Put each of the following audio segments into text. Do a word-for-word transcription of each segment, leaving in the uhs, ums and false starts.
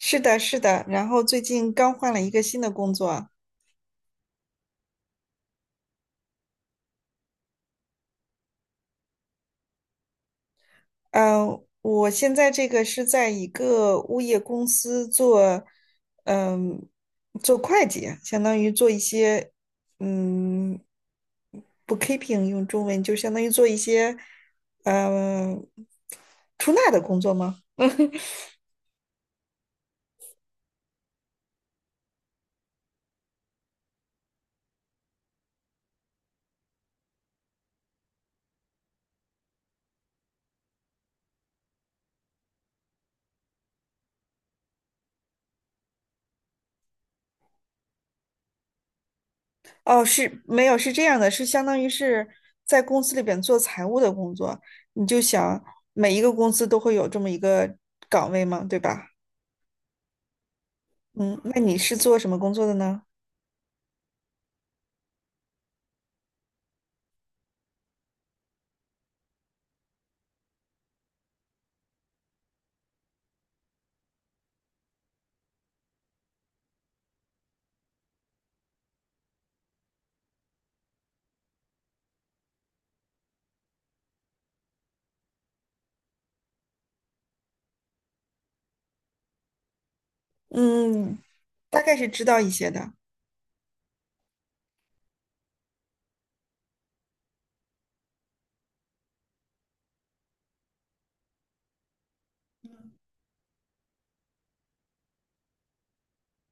是的，是的，然后最近刚换了一个新的工作啊，嗯、我现在这个是在一个物业公司做，嗯、做会计，相当于做一些，嗯，bookkeeping 用中文就相当于做一些，嗯、出纳的工作吗？哦，是没有，是这样的，是相当于是在公司里边做财务的工作，你就想每一个公司都会有这么一个岗位嘛，对吧？嗯，那你是做什么工作的呢？嗯，大概是知道一些的。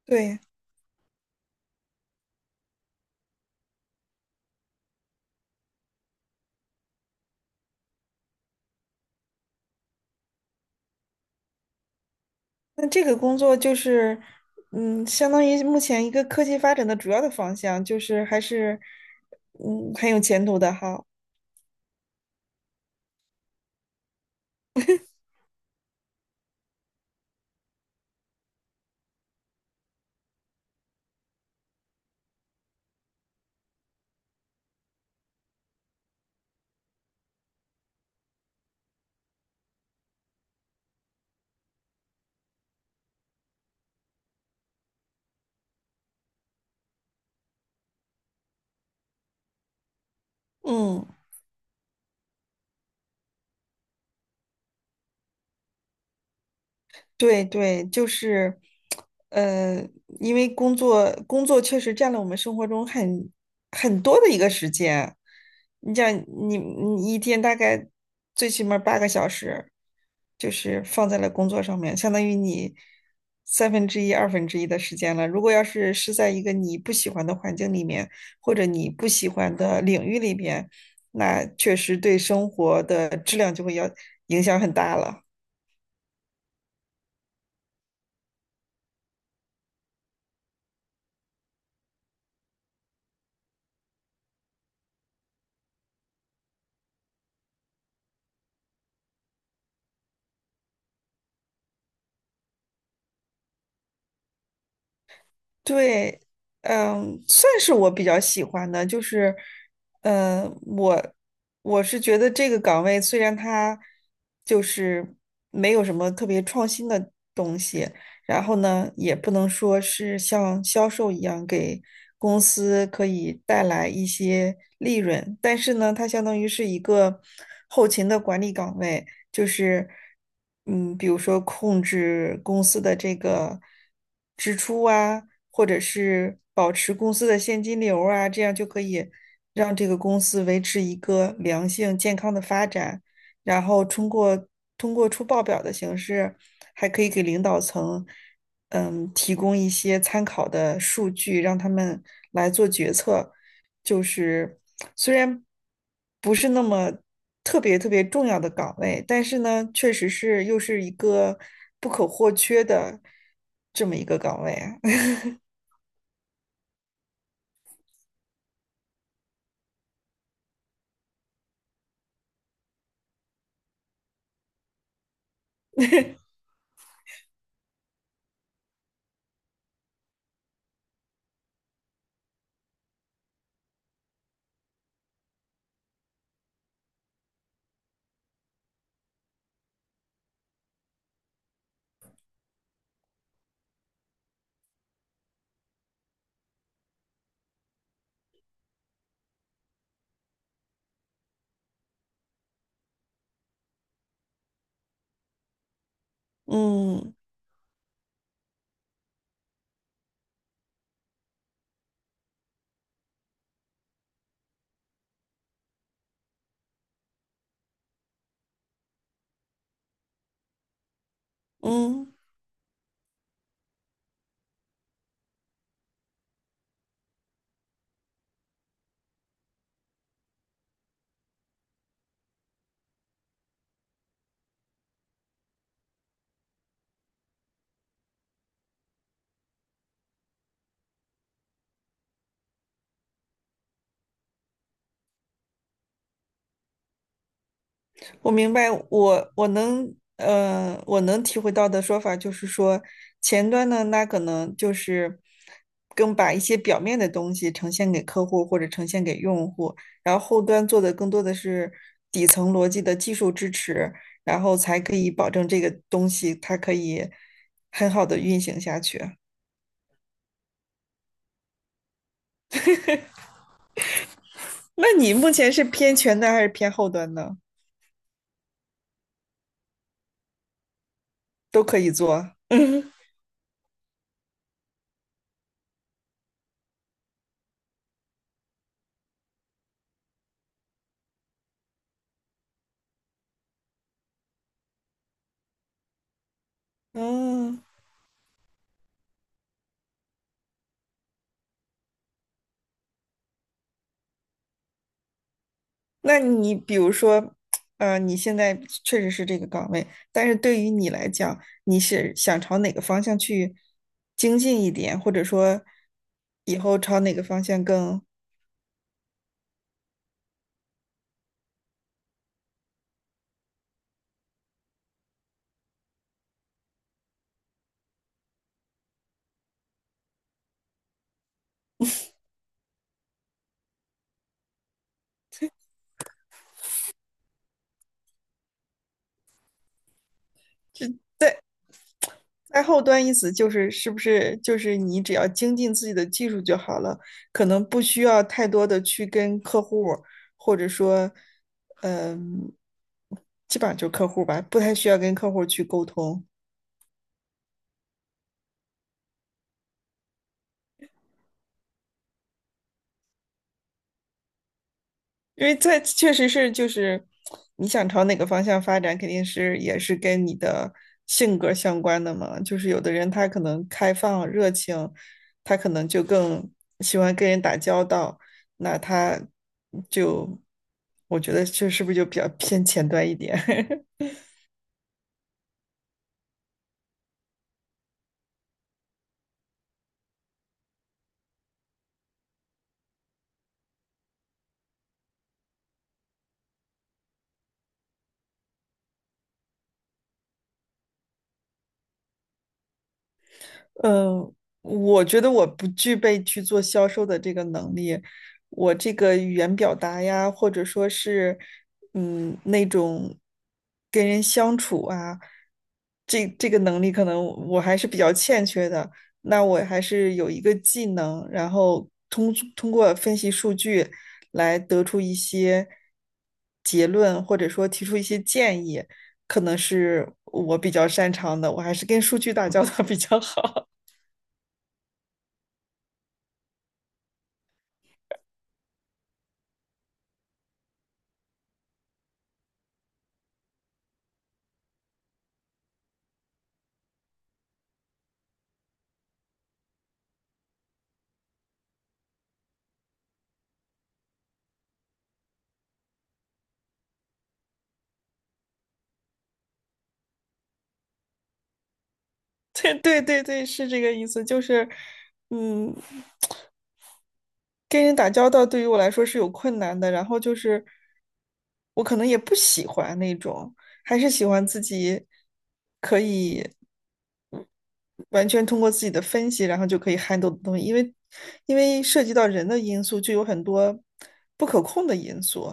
对，那这个工作就是，嗯，相当于目前一个科技发展的主要的方向，就是还是，嗯，很有前途的哈。嗯，对对，就是，呃，因为工作工作确实占了我们生活中很很多的一个时间。你像你你一天大概最起码儿八个小时，就是放在了工作上面，相当于你三分之一、二分之一的时间了。如果要是是在一个你不喜欢的环境里面，或者你不喜欢的领域里边，那确实对生活的质量就会要影响很大了。对，嗯，算是我比较喜欢的，就是，嗯，我我是觉得这个岗位虽然它就是没有什么特别创新的东西，然后呢，也不能说是像销售一样给公司可以带来一些利润，但是呢，它相当于是一个后勤的管理岗位，就是嗯，比如说控制公司的这个支出啊，或者是保持公司的现金流啊，这样就可以让这个公司维持一个良性健康的发展。然后通过通过出报表的形式，还可以给领导层嗯提供一些参考的数据，让他们来做决策。就是虽然不是那么特别特别重要的岗位，但是呢，确实是又是一个不可或缺的这么一个岗位啊。嗯嗯。我明白，我我能呃，我能体会到的说法就是说，前端呢，那可能就是更把一些表面的东西呈现给客户或者呈现给用户，然后后端做的更多的是底层逻辑的技术支持，然后才可以保证这个东西它可以很好的运行下去。那你目前是偏前端还是偏后端呢？都可以做。嗯嗯。那你比如说，呃，你现在确实是这个岗位，但是对于你来讲，你是想朝哪个方向去精进一点，或者说以后朝哪个方向更，就在在后端意思就是是不是就是你只要精进自己的技术就好了，可能不需要太多的去跟客户儿或者说，嗯、基本上就是客户儿吧，不太需要跟客户儿去沟通。因为在确实是就是你想朝哪个方向发展，肯定是也是跟你的性格相关的嘛。就是有的人他可能开放热情，他可能就更喜欢跟人打交道，那他就我觉得这是不是就比较偏前端一点？嗯，我觉得我不具备去做销售的这个能力，我这个语言表达呀，或者说是，嗯，那种跟人相处啊，这这个能力可能我还是比较欠缺的。那我还是有一个技能，然后通通过分析数据来得出一些结论，或者说提出一些建议，可能是我比较擅长的，我还是跟数据打交道比较好。对对对对，是这个意思，就是，嗯，跟人打交道对于我来说是有困难的，然后就是我可能也不喜欢那种，还是喜欢自己完全通过自己的分析，然后就可以 handle 的东西，因为因为涉及到人的因素，就有很多不可控的因素，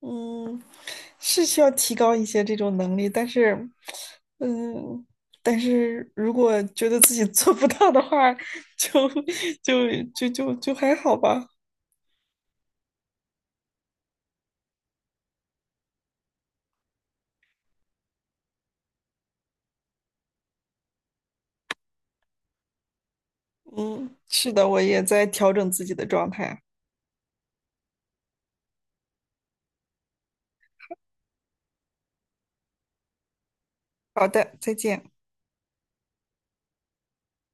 嗯，是需要提高一些这种能力，但是，嗯，但是如果觉得自己做不到的话，就 就就就就还好吧。嗯，是的，我也在调整自己的状态。好的，再见。